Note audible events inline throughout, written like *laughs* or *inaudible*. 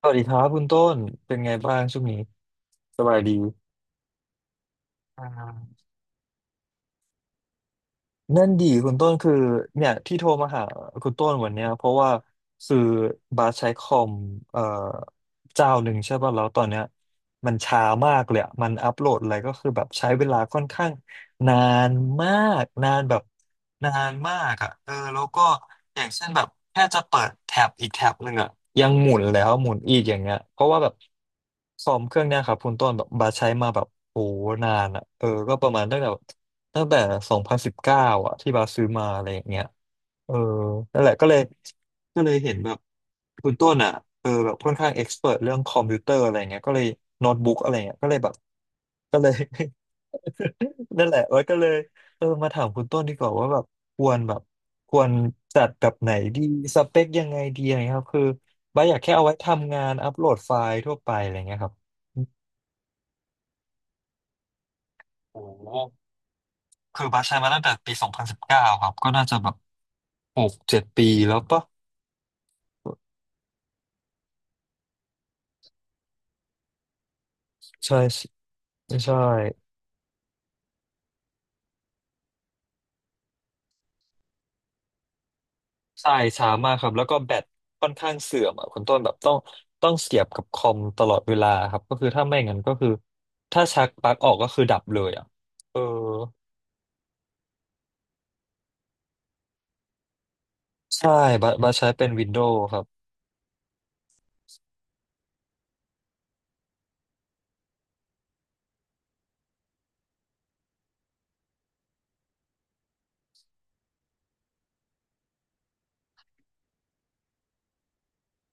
สวัสดีครับคุณต้น เป็นไงบ้างช่วงนี้สบายดีอ่า นั่นดีคุณต้นคือเนี่ยที่โทรมาหาคุณต้นวันเนี้ยเพราะว่าคือบาสใช้คอมเอ่อเจ้าหนึ่งใช่ป่ะแล้วตอนเนี้ยมันช้ามากเลยอะมันอัปโหลดอะไรก็คือแบบใช้เวลาค่อนข้างนานมากนานแบบนานมากอ่ะเออแล้วก็อย่างเช่นแบบแค่จะเปิดแท็บอีกแท็บหนึ่งอ่ะยังหมุนแล้วหมุนอีกอย่างเงี้ยเพราะว่าแบบคอมเครื่องเนี้ยครับคุณต้นแบบบาสใช้มาแบบโอ้นานอ่ะเออก็ประมาณตั้งแต่ ตั้งแต่สองพันสิบเก้าอะที่บาสซื้อมาอะไรอย่างเงี้ยเออนั่นแหละก็เลยเห็นแบบคุณต้นอ่ะเออแบบค่อนข้างเอ็กซ์เพรเรื่องคอมพิวเตอร์อะไรเงี้ยก็เลยโน้ตบุ๊กอะไรเงี้ยก็เลยแบบก็เลย *laughs* นั่นแหละแล้ก็เลยเออมาถามคุณต้นดีกว่าว่าแบบควรแบบควรจัดแบบไหนดีสเปคยังไงดีอะไรเงี้ยครับคือบ้าสอยากแค่เอาไว้ทำงานอัปโหลดไฟล์ทั่วไปอะไรเงี้ยครับโอ้โหคือบัสใช้มาตั้งแต่ปีสองพันสิบเก้าครับก็น่าจะแบบ หกเจ็ดปีแล้วปะใช่ไม่ใช่ใช่ช้ามากครับแล้วก็แบตค่อนข้างเสื่อมอ่ะคุณต้นแบบต้องเสียบกับคอมตลอดเวลาครับก็คือถ้าไม่งั้นก็คือถ้าชักปลั๊กออกก็คือดับเลยอ่ะเออใช่บัสใช้เป็นวินโดว์ครับ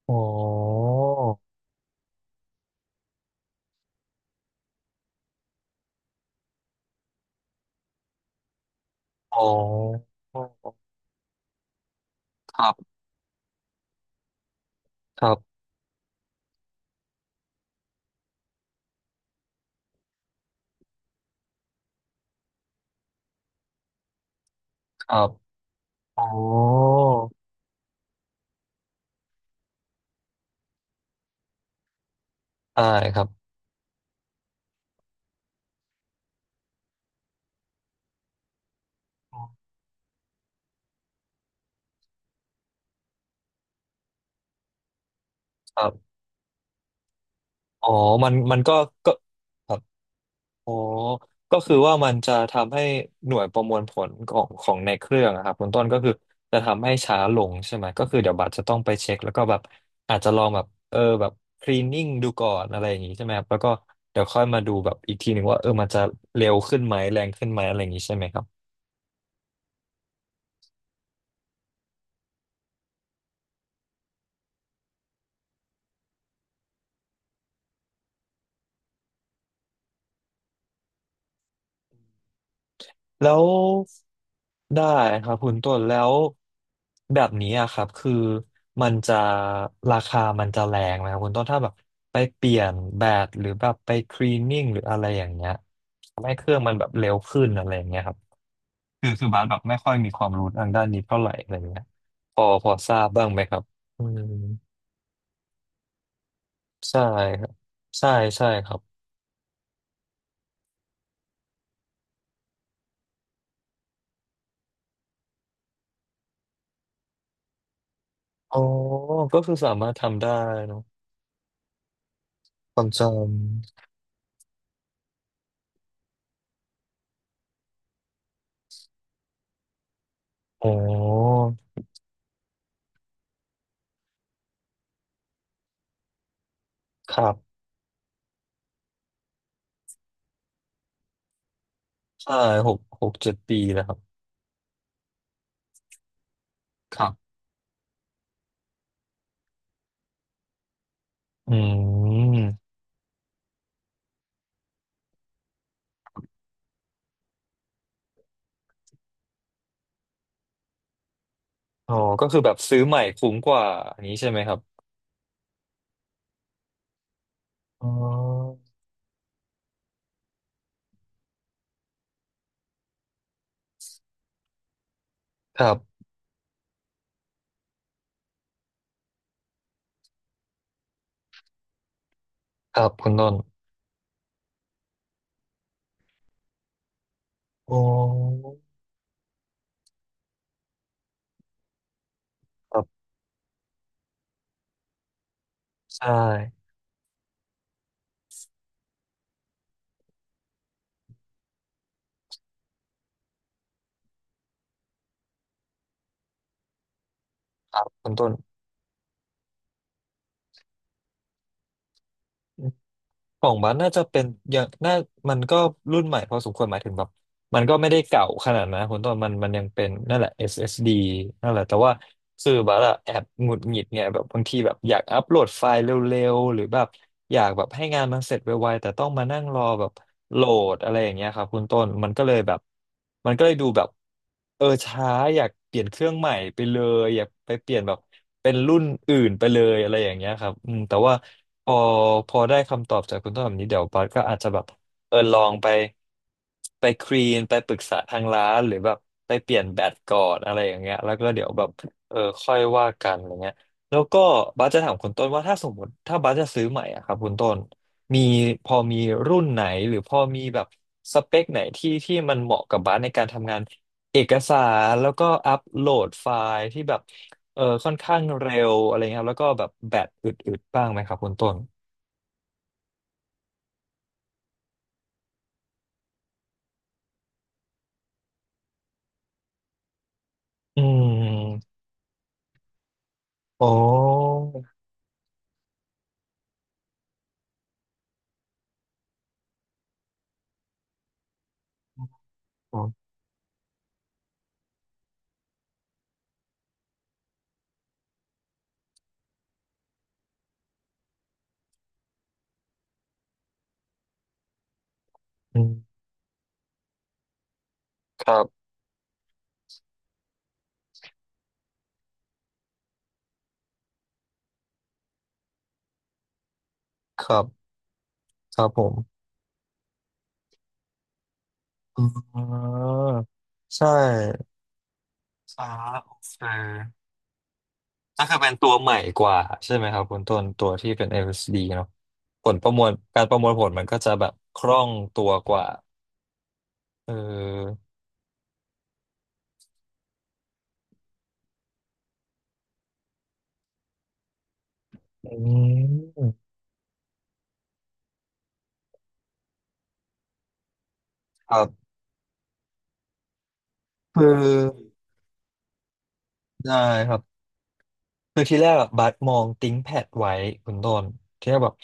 อ๋ออ๋อครับครับครับอ๋อใช่ครับครับอ๋อมันก็ก็ครับ อ๋อก็คือว่ามันจะทำให้หน่วยประมวลผลของในเครื่องอะครับคุณต้นก็คือจะทำให้ช้าลงใช่ไหมก็คือเดี๋ยวบัตรจะต้องไปเช็คแล้วก็แบบอาจจะลองแบบเออแบบคลีนนิ่งดูก่อนอะไรอย่างงี้ใช่ไหมครับแล้วก็เดี๋ยวค่อยมาดูแบบอีกทีหนึ่งว่าเออมันจะเร็วขึ้นไหมแรงขึ้นไหมอะไรอย่างงี้ใช่ไหมครับ แล้วได้ครับคุณต้นแล้วแบบนี้อะครับคือมันจะราคามันจะแรงไหมครับคุณต้นถ้าแบบไปเปลี่ยนแบตหรือแบบไปคลีนนิ่งหรืออะไรอย่างเงี้ยทำให้เครื่องมันแบบเร็วขึ้นอะไรอย่างเงี้ยครับคือบาสแบบไม่ค่อยมีความรู้ทางด้านนี้เท่าไหร่อะไรเงี้ยพอทราบบ้างไหมครับอืมใช่ครับใช่ใช่ครับอ๋อก็คือสามารถทำได้เนอะความจำอ๋อครับ ใช่หกเจ็ดปีแล้วครับครับอืมอ๋อก็คือแบบซื้อใหม่คุ้มกว่าอันนี้ใช่ไหมครับอ๋อครับครับคุณต้นโอ้ครับใช่ครับคุณต้นอื ของบัสน่าจะเป็นอย่างน่ามันก็รุ่นใหม่พอสมควรหมายถึงแบบมันก็ไม่ได้เก่าขนาดนั้นคุณต้นมันยังเป็นนั่นแหละ SSD นั่นแหละแต่ว่าคือบัสอะแอบหงุดหงิดเนี่ยแบบบางทีแบบอยากอัปโหลดไฟล์เร็วๆหรือแบบอยากแบบให้งานมันเสร็จไวๆแต่ต้องมานั่งรอแบบโหลดอะไรอย่างเงี้ยครับคุณต้นมันก็เลยแบบมันก็เลยดูแบบเออช้าอยากเปลี่ยนเครื่องใหม่ไปเลยอยากไปเปลี่ยนแบบเป็นรุ่นอื่นไปเลยอะไรอย่างเงี้ยครับอืมแต่ว่า พอพอได้คำตอบจากคุณต้นแบบนี้เดี๋ยวบัสก็อาจจะแบบเออลองไปคลีนไปปรึกษาทางร้านหรือแบบไปเปลี่ยนแบตก่อนอะไรอย่างเงี้ยแล้วก็เดี๋ยวแบบเออค่อยว่ากันอะไรเงี้ยแล้วก็บัสจะถามคุณต้นว่าถ้าสมมติถ้าบัสจะซื้อใหม่อะครับคุณต้นมีพอมีรุ่นไหนหรือพอมีแบบสเปคไหนที่มันเหมาะกับบัสในการทำงานเอกสารแล้วก็อัปโหลดไฟล์ที่แบบ เออค่อนข้างเร็วอะไรเงี้ยครับแล้วก็แบบแบตอึดๆบ้างไหมครับคุณต้นอืมอ๋ออออืมครับครับครับผมอ่าใช่อ่าโอเคก็คือเป็นตัวใหม่กว่าใช่ไหมครับคุณต้นตัวที่เป็น LSD เนาะผลประมวลการประมวลผลมันก็จะแบบคล่องตัวกว่าเอออืมครับคือได้ครับ คือที่แรกอะบัสมองติ้งแพดไว้คุณต้นที่แรกแบบ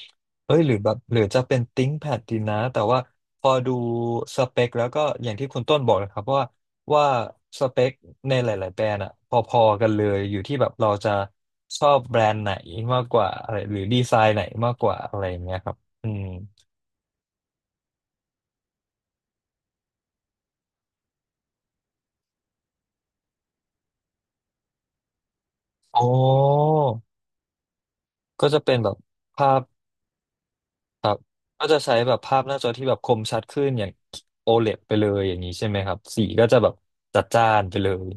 เอ้ยหรือแบบหรือจะเป็นติ้งแพดดีนะแต่ว่าพอดูสเปคแล้วก็อย่างที่คุณต้นบอกนะครับว่าว่าสเปคในหลายๆแบรนด์อะพอๆกันเลยอยู่ที่แบบเราจะชอบแบรนด์ไหนมากกว่าอะไรหรือดีไซน์ไหนมากกว่าอะไรอย่างเงี้ยครับอืมอ๋อก็จะเป็นแบบภาพ ครับก็จะใช้แบบภาพหน้าจอที่แบบคมชัดขึ้นอย่าง OLED ไปเลยอย่างนี้ใช่ไหมครับสีก็จะแบบจัดจ้านไปเลย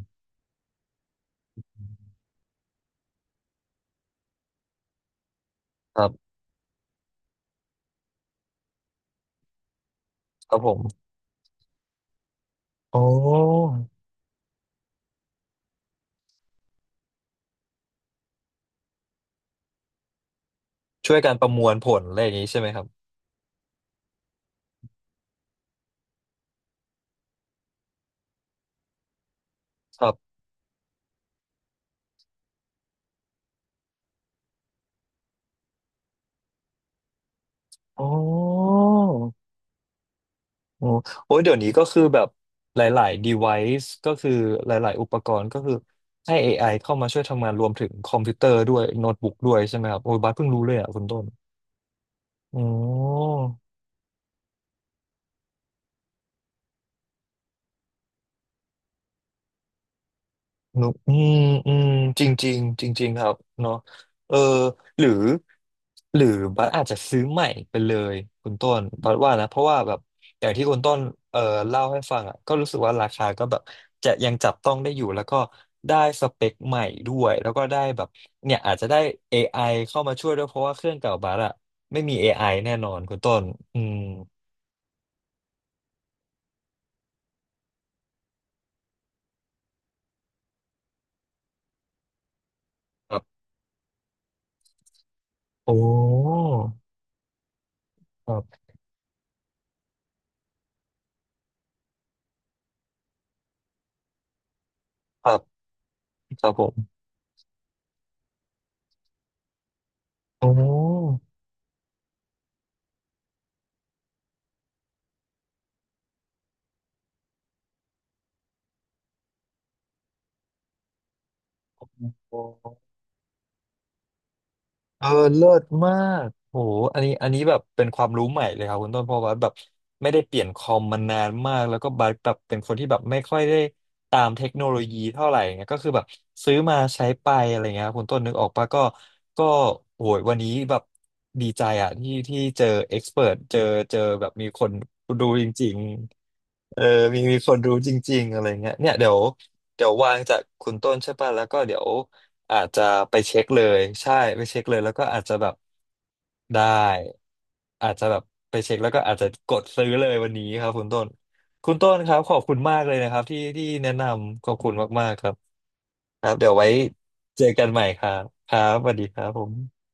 ครับครับผมโอ้ช่วยการประมวลผลอะไรอย่างนี้ใช่ไหมครับครับโอโอ้โอ้ยเดี๋ยวนี้ก็คือแบบหลายๆ device ก็คือหลายๆอุปกรณ์ก็คือให้ AI เข้ามาช่วยทำงานรวมถึงคอมพิวเตอร์ด้วยโน้ตบุ๊กด้วยใช่ไหมครับโอ้ยบาสเพิ่งรู้เลยอ่ะคุณต้นอ๋อ นุกอืมอืมจริงจริงๆครับเนาะเออหรือหรือบัสอาจจะซื้อใหม่ไปเลย คุณต้นบัสว่านะเพราะว่าแบบอย่างที่คุณต้นเออเล่าให้ฟังอ่ะก็รู้สึกว่าราคาก็แบบจะยังจับต้องได้อยู่แล้วก็ได้สเปคใหม่ด้วย แล้วก็ได้แบบเนี่ยอาจจะได้ AI เข้ามาช่วยด้วย เพราะว่าเครื่องเก่าบัสอ่ะไม่มี AI แน่นอนคุณต้นอืมครับโอ้ครับครับครับผมโอ้ เออเลิศมากโหอันนี้แบบเป็นความรู้ใหม่เลยครับคุณต้นเพราะว่าแบบไม่ได้เปลี่ยนคอมมานานมากแล้วก็บัสแบบเป็นคนที่แบบไม่ค่อยได้ตามเทคโนโลยีเท่าไหร่เงี้ยก็คือแบบซื้อมาใช้ไปอะไรเงี้ยครับคุณต้นนึกออกปะก็โหยวันนี้แบบดีใจอะที่เจอเอ็กซ์เพรเจอแบบมีคนดูจริงๆเออมีคนรู้จริงๆอะไรเงี้ยเนี่ยเดี๋ยววางจากคุณต้นใช่ป่ะแล้วก็เดี๋ยว อาจจะไปเช็คเลยใช่ไปเช็คเลยแล้วก็อาจจะแบบได้อาจจะแบบไปเช็คแล้วก็อาจจะกดซื้อเลยวันนี้ครับคุณต้นครับขอบคุณมากเลยนะครับที่แนะนำขอบคุณมากๆครับครับเดี๋ยวไว้เจอกันใหม่ครับครับสวัสดีครับผม